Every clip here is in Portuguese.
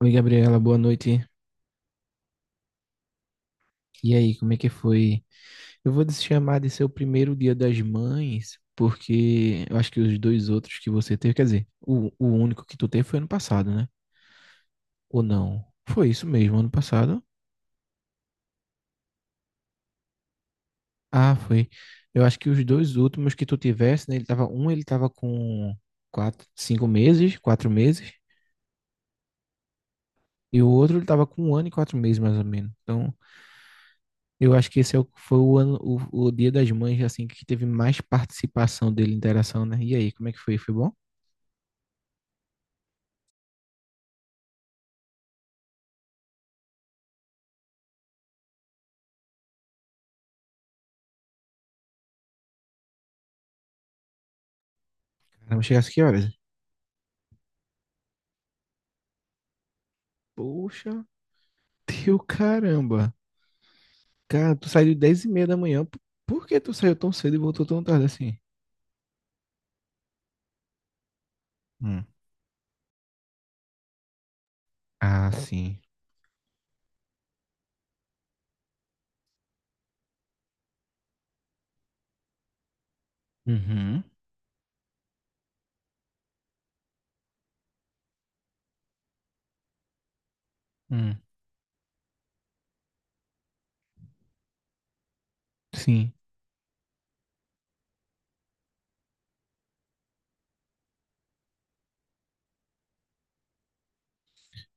Oi, Gabriela, boa noite. E aí, como é que foi? Eu vou te chamar de seu primeiro dia das mães, porque eu acho que os dois outros que você teve, quer dizer, o único que tu teve foi ano passado, né? Ou não? Foi isso mesmo, ano passado? Ah, foi. Eu acho que os dois últimos que tu tivesse, né? Ele tava com quatro, 5 meses, 4 meses, e o outro ele tava com 1 ano e 4 meses, mais ou menos. Então, eu acho que esse é o, foi o ano, o Dia das Mães, assim, que teve mais participação dele, interação, né? E aí, como é que foi? Foi bom? Caramba, chegasse que horas? Poxa, teu caramba. Cara, tu saiu 10:30 da manhã. Por que tu saiu tão cedo e voltou tão tarde assim? Hum. Ah, sim. Uhum. Hum. Sim.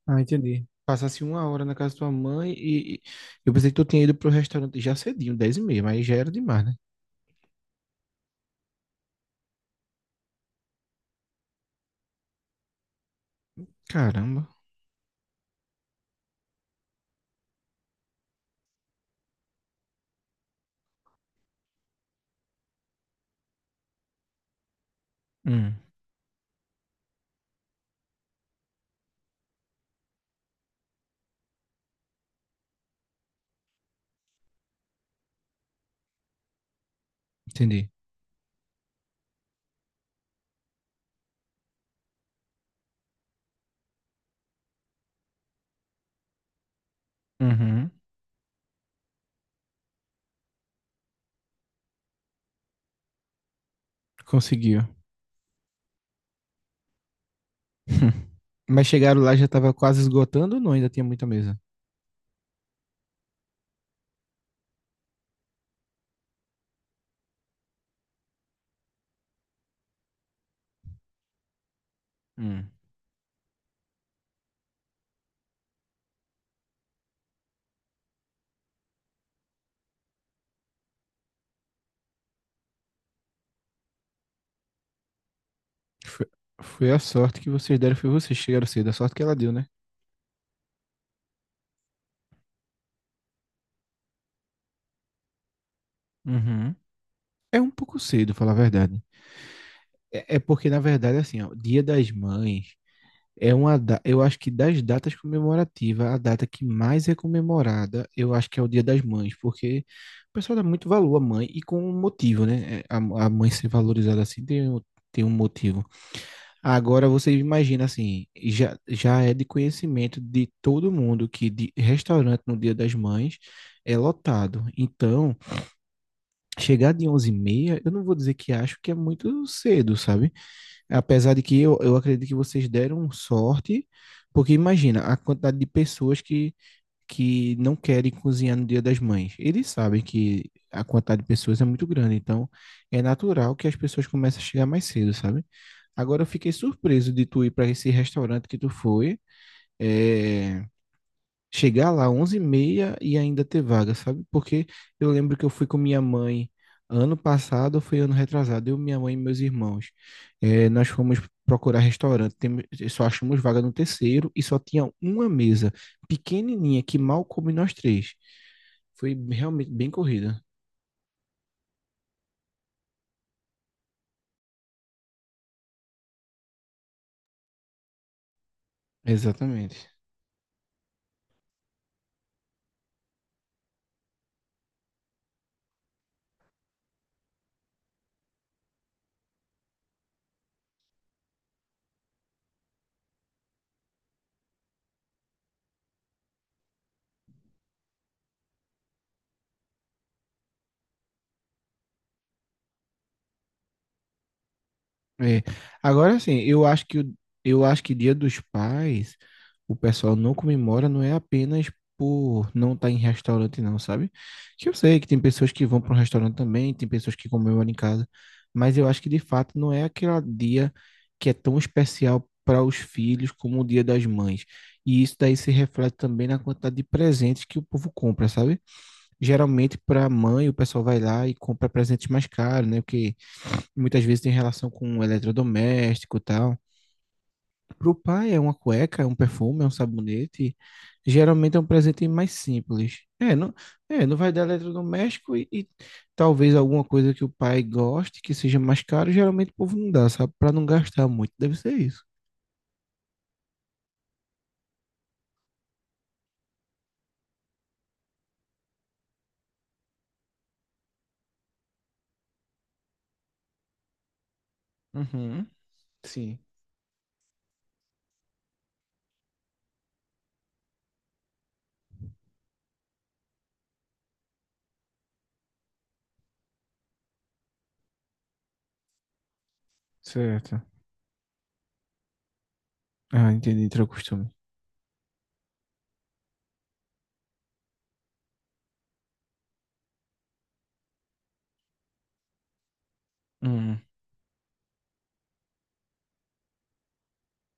Ah, entendi. Passasse 1 hora na casa da tua mãe e, eu pensei que tu tinha ido pro restaurante já cedinho, 10:30, mas já era demais, né? Caramba. Hum, Entendi. Uhum. Conseguiu. Hum. Mas chegaram lá já tava quase esgotando ou não? Ainda tinha muita mesa? Hum. Foi, foi a sorte que vocês deram, foi vocês que chegaram cedo, a sorte que ela deu, né? Uhum. É um pouco cedo, falar a verdade. É porque, na verdade, assim, ó, Dia das Mães eu acho que das datas comemorativas, a data que mais é comemorada, eu acho que é o Dia das Mães, porque o pessoal dá muito valor à mãe e com um motivo, né? É, a mãe ser valorizada assim tem um motivo. Agora você imagina assim, já é de conhecimento de todo mundo que de restaurante no Dia das Mães é lotado. Então, chegar de 11:30 eu não vou dizer que acho que é muito cedo, sabe? Apesar de que eu acredito que vocês deram sorte, porque imagina a quantidade de pessoas que não querem cozinhar no Dia das Mães. Eles sabem que a quantidade de pessoas é muito grande, então é natural que as pessoas comecem a chegar mais cedo, sabe? Agora eu fiquei surpreso de tu ir para esse restaurante que tu foi. É, chegar lá 11:30 e ainda ter vaga, sabe? Porque eu lembro que eu fui com minha mãe ano passado, ou foi ano retrasado, eu, minha mãe e meus irmãos. Nós fomos procurar só achamos vaga no terceiro e só tinha uma mesa pequenininha que mal coube nós três. Foi realmente bem corrida. Exatamente. É. Agora sim, eu acho que Dia dos Pais, o pessoal não comemora, não é apenas por não estar em restaurante, não, sabe? Que eu sei que tem pessoas que vão para um restaurante também, tem pessoas que comemoram em casa, mas eu acho que de fato não é aquele dia que é tão especial para os filhos como o Dia das Mães. E isso daí se reflete também na quantidade de presentes que o povo compra, sabe? Geralmente para a mãe, o pessoal vai lá e compra presentes mais caros, né? Porque muitas vezes tem relação com eletrodoméstico e tal. Pro pai é uma cueca, é um perfume, é um sabonete. Geralmente é um presente mais simples. É, não, não vai dar eletrodoméstico e talvez alguma coisa que o pai goste, que seja mais caro, geralmente o povo não dá, sabe? Para não gastar muito. Deve ser isso. Uhum, sim, certo. Ah, entendi, entrou costume. Uhum,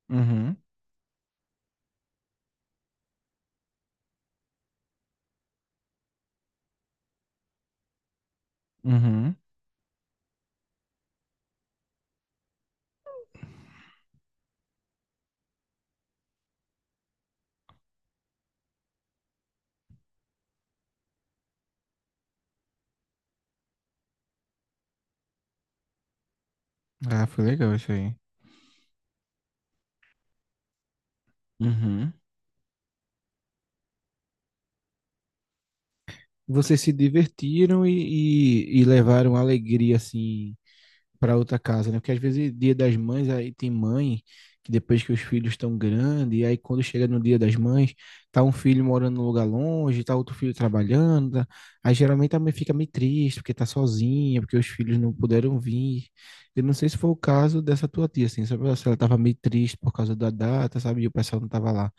uhum, uhum. Ah, foi legal isso aí. Uhum. Vocês se divertiram e levaram alegria, assim, para outra casa, né? Porque às vezes dia das mães aí tem mãe que depois que os filhos estão grandes, e aí quando chega no dia das mães, tá um filho morando num lugar longe, tá outro filho trabalhando, aí geralmente a mãe fica meio triste porque tá sozinha, porque os filhos não puderam vir. Eu não sei se foi o caso dessa tua tia, assim, sabe? Se ela tava meio triste por causa da data, sabe? E o pessoal não tava lá.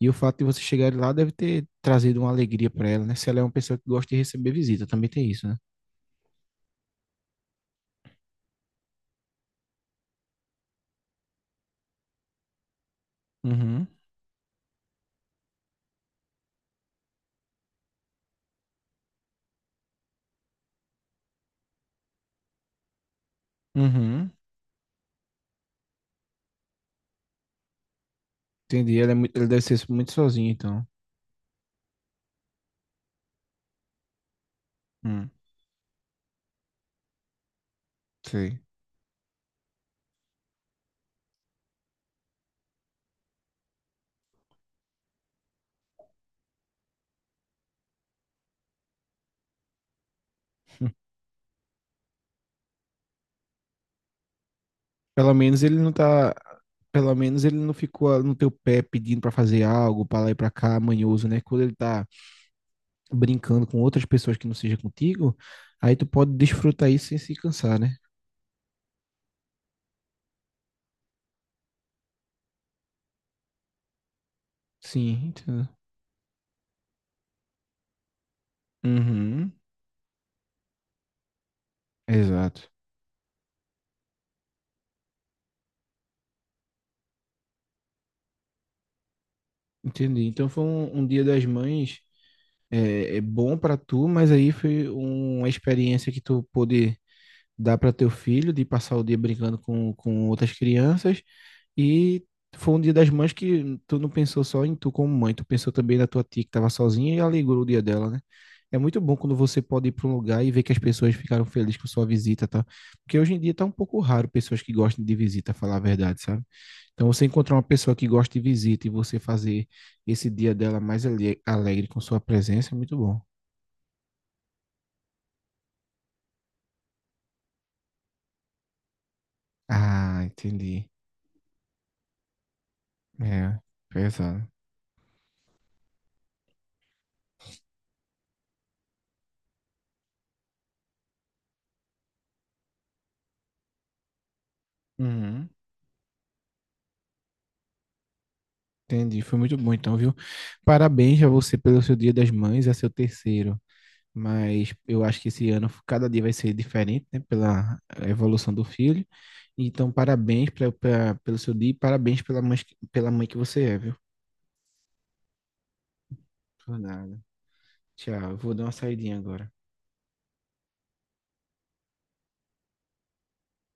E o fato de você chegar lá deve ter trazido uma alegria para ela, né? Se ela é uma pessoa que gosta de receber visita, também tem isso, né? Uhum. Uhum. Entendi. Ele deve ser muito sozinho, então. Hum, Sei. Hum. Pelo menos ele não tá. Pelo menos ele não ficou no teu pé pedindo pra fazer algo, pra lá e pra cá, manhoso, né? Quando ele tá brincando com outras pessoas que não seja contigo, aí tu pode desfrutar isso sem se cansar, né? Sim, entendo. Uhum, exato. Entendi. Então foi um Dia das Mães é bom pra tu, mas aí foi uma experiência que tu pôde dá para teu filho de passar o dia brincando com outras crianças e foi um dia das mães que tu não pensou só em tu como mãe, tu pensou também na tua tia que estava sozinha e alegrou o dia dela, né? É muito bom quando você pode ir para um lugar e ver que as pessoas ficaram felizes com sua visita, tá? Porque hoje em dia tá um pouco raro pessoas que gostem de visita, falar a verdade, sabe? Então você encontrar uma pessoa que gosta de visita e você fazer esse dia dela alegre com sua presença é muito bom. Ah, entendi. É, pesado. Uhum. Entendi, foi muito bom então, viu? Parabéns a você pelo seu Dia das Mães, é seu terceiro, mas eu acho que esse ano cada dia vai ser diferente, né, pela evolução do filho. Então, parabéns pelo seu dia e parabéns pela mãe que você é, viu? Por nada. Tchau, eu vou dar uma saidinha agora.